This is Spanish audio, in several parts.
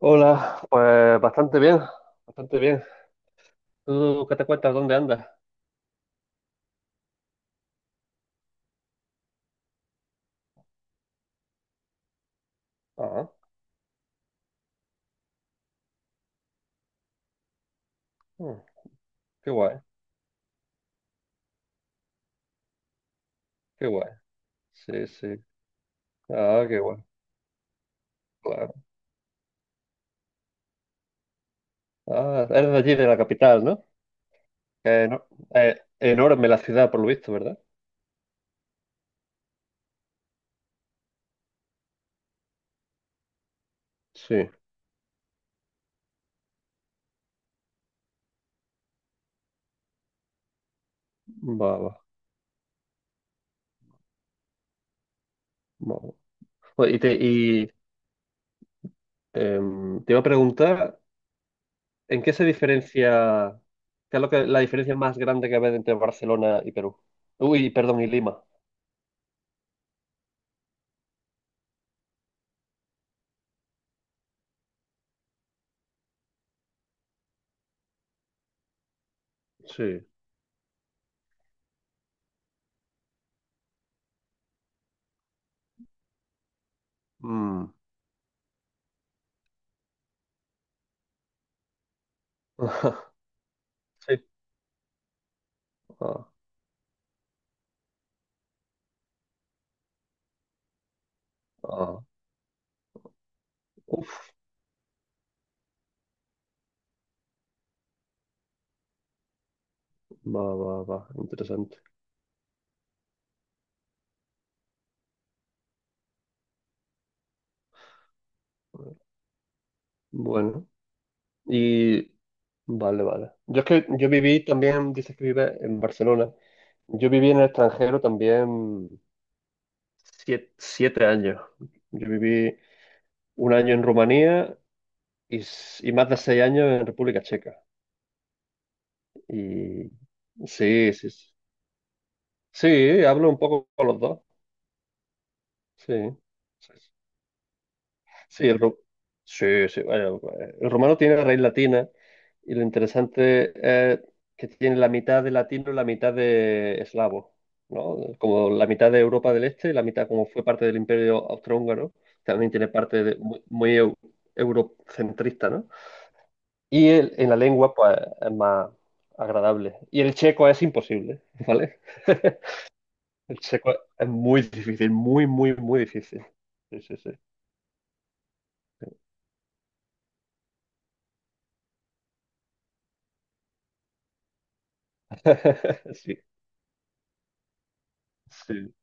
Hola, pues bastante bien, bastante bien. ¿Tú qué te cuentas? ¿Dónde andas? Ah, mm, qué guay, qué guay. Sí, sí. Ah, qué guay, claro. Ah, eres de allí, de la capital, ¿no? Que eno- Enorme la ciudad, por lo visto, ¿verdad? Sí, va, va, va. Bueno, te iba a preguntar, ¿en qué se diferencia, qué es lo que, la diferencia más grande que ves entre Barcelona y Perú? Uy, perdón, y Lima. Sí. Mm. Sí. Ah. Ah, uf, va, va, va, interesante. Bueno, y vale, vale. Yo es que yo viví también, dices que vive en Barcelona. Yo viví en el extranjero también siete años. Yo viví un año en Rumanía y más de 6 años en República Checa. Y sí, sí, sí. Sí, hablo un poco con los dos. Sí. Sí, sí. Sí, sí, sí, bueno, el romano tiene raíz latina y lo interesante es que tiene la mitad de latino y la mitad de eslavo, ¿no? Como la mitad de Europa del Este y la mitad como fue parte del Imperio Austrohúngaro, también tiene muy, muy eurocentrista, ¿no? En la lengua, pues, es más agradable. Y el checo es imposible, ¿vale? El checo es muy difícil, muy, muy, muy difícil. Sí, sí, sí. Sí. Sí.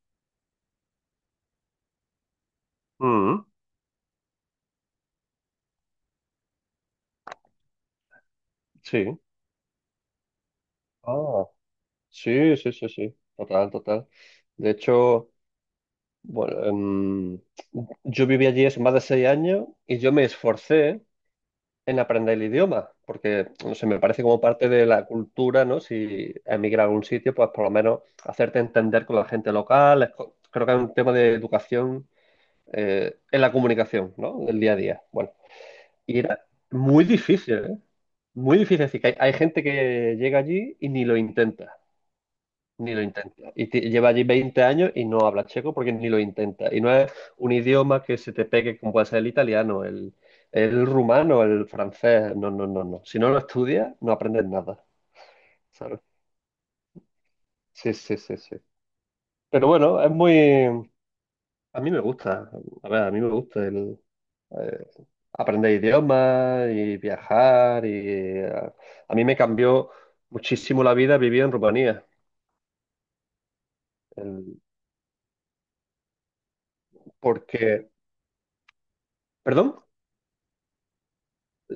Mm, sí. Ah, sí, sí, sí, sí. Total, total. De hecho, bueno, yo viví allí hace más de 6 años y yo me esforcé en aprender el idioma, porque, no sé, me parece como parte de la cultura, ¿no? Si emigras a algún sitio, pues por lo menos hacerte entender con la gente local. Creo que es un tema de educación en la comunicación, ¿no? Del día a día. Bueno, y era muy difícil, ¿eh? Muy difícil. Es decir, que hay gente que llega allí y ni lo intenta. Ni lo intenta. Lleva allí 20 años y no habla checo porque ni lo intenta. Y no es un idioma que se te pegue como puede ser el italiano, el rumano, el francés. No, no, no, no. Si no lo estudias, no aprendes nada, ¿sabes? Sí, sí, sí, sí. Pero bueno, es muy... A mí me gusta. A ver, a mí me gusta eh, aprender idiomas y viajar. A mí me cambió muchísimo la vida vivir en Rumanía. El- Porque... ¿Perdón?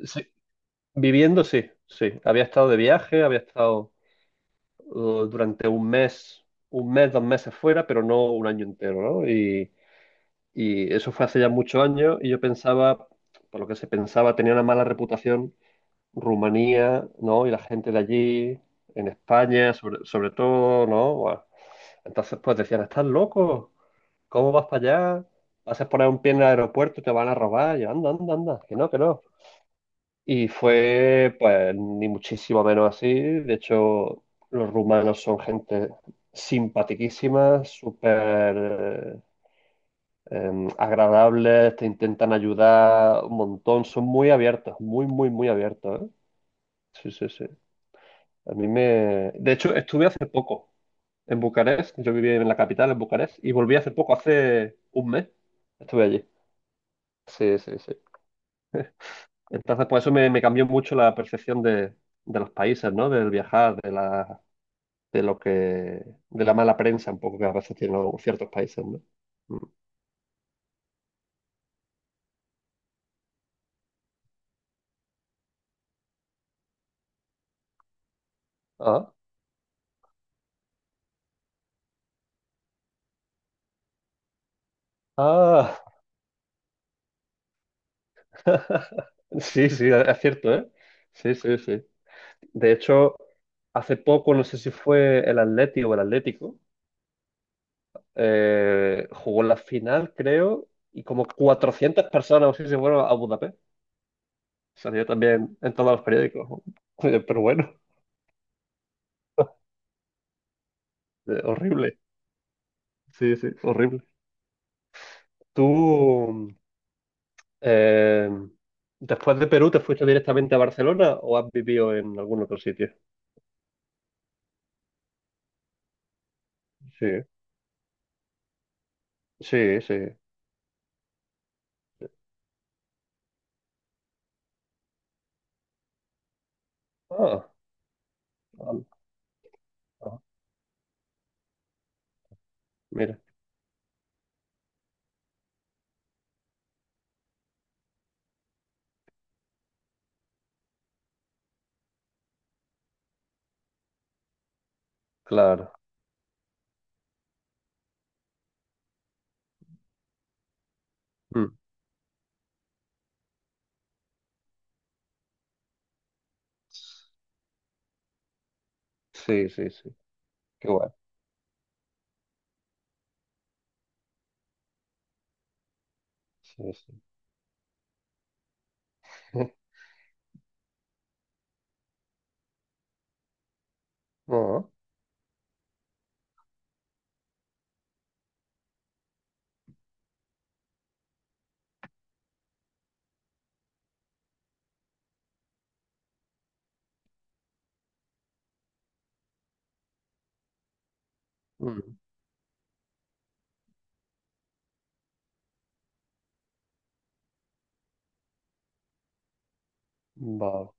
Sí. Viviendo, sí, sí. Había estado de viaje, había estado durante un mes, 2 meses fuera, pero no un año entero, ¿no? Y eso fue hace ya muchos años y yo pensaba, por lo que se pensaba, tenía una mala reputación Rumanía, ¿no? Y la gente de allí, en España, sobre todo, ¿no? Bueno, entonces, pues decían, ¿estás loco? ¿Cómo vas para allá? Vas a poner un pie en el aeropuerto, te van a robar. Y yo, anda, anda, anda, que no, que no. Y fue, pues, ni muchísimo menos así. De hecho, los rumanos son gente simpaticísima, súper agradables, te intentan ayudar un montón, son muy abiertos, muy, muy, muy abiertos, ¿eh? Sí, sí, sí. De hecho, estuve hace poco en Bucarest, yo vivía en la capital, en Bucarest, y volví hace poco, hace un mes, estuve allí. Sí, sí, sí. Entonces, por eso me cambió mucho la percepción de los países, ¿no? Del viajar, de las de lo que, de la mala prensa un poco que a veces tienen ciertos países, ¿no? Mm. Ah, ah. Sí, sí, es cierto, ¿eh? Sí, sí, sí. De hecho, hace poco, no sé si fue el Atleti o el Atlético, jugó la final, creo, y como 400 personas o así se fueron a Budapest. Salió también en todos los periódicos. Pero bueno, horrible. Sí, sí, horrible. ¿Tú, Eh, ¿Después de Perú te fuiste directamente a Barcelona o has vivido en algún otro sitio? Sí, sí, sí. Ah, ah, ah, mira, claro. Mm, sí, sí, sí. Qué guay. Sí, sí. Ah, mm, vale.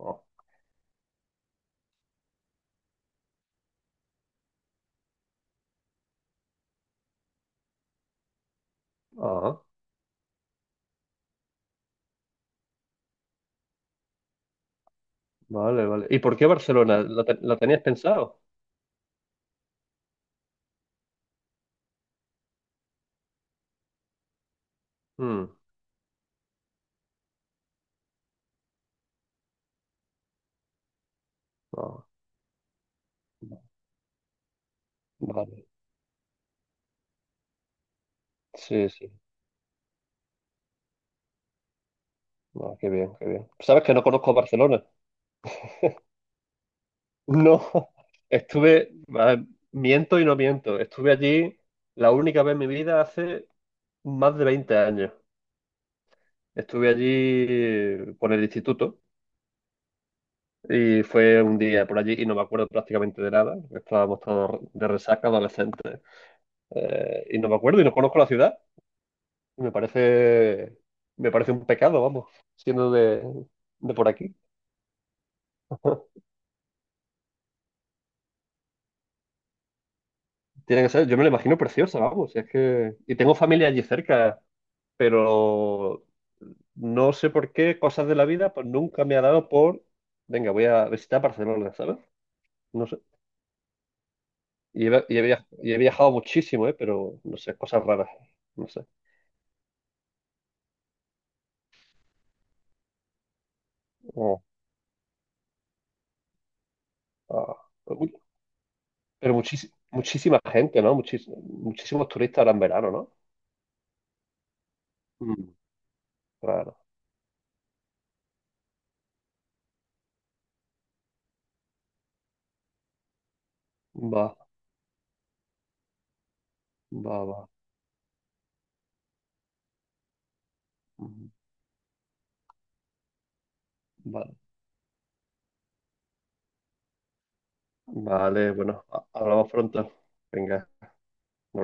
Ah, ah, vale, vale. ¿Y por qué Barcelona? ¿La tenías pensado? Mm, ah, vale. Sí, sí. Ah, qué bien, qué bien. Sabes que no conozco Barcelona. No, estuve, a ver, miento y no miento, estuve allí la única vez en mi vida hace más de 20 años. Estuve allí por el instituto y fue un día por allí y no me acuerdo prácticamente de nada. Estábamos todos de resaca, adolescentes. Y no me acuerdo y no conozco la ciudad. me parece, me parece un pecado, vamos, siendo de por aquí. Tiene que ser, yo me la imagino preciosa, vamos. Si es que, y tengo familia allí cerca. Pero no sé por qué, cosas de la vida, pues nunca me ha dado por, venga, voy a visitar Barcelona, ¿sabes? No sé. Y he viajado muchísimo, ¿eh? Pero, no sé, cosas raras, no sé. Como, ah, uy, pero muchísima gente, ¿no? Muchísimos turistas ahora en verano, ¿no? Mm, claro. Va, va, va. Mm, va. Vale, bueno, hablamos pronto. Venga, un abrazo.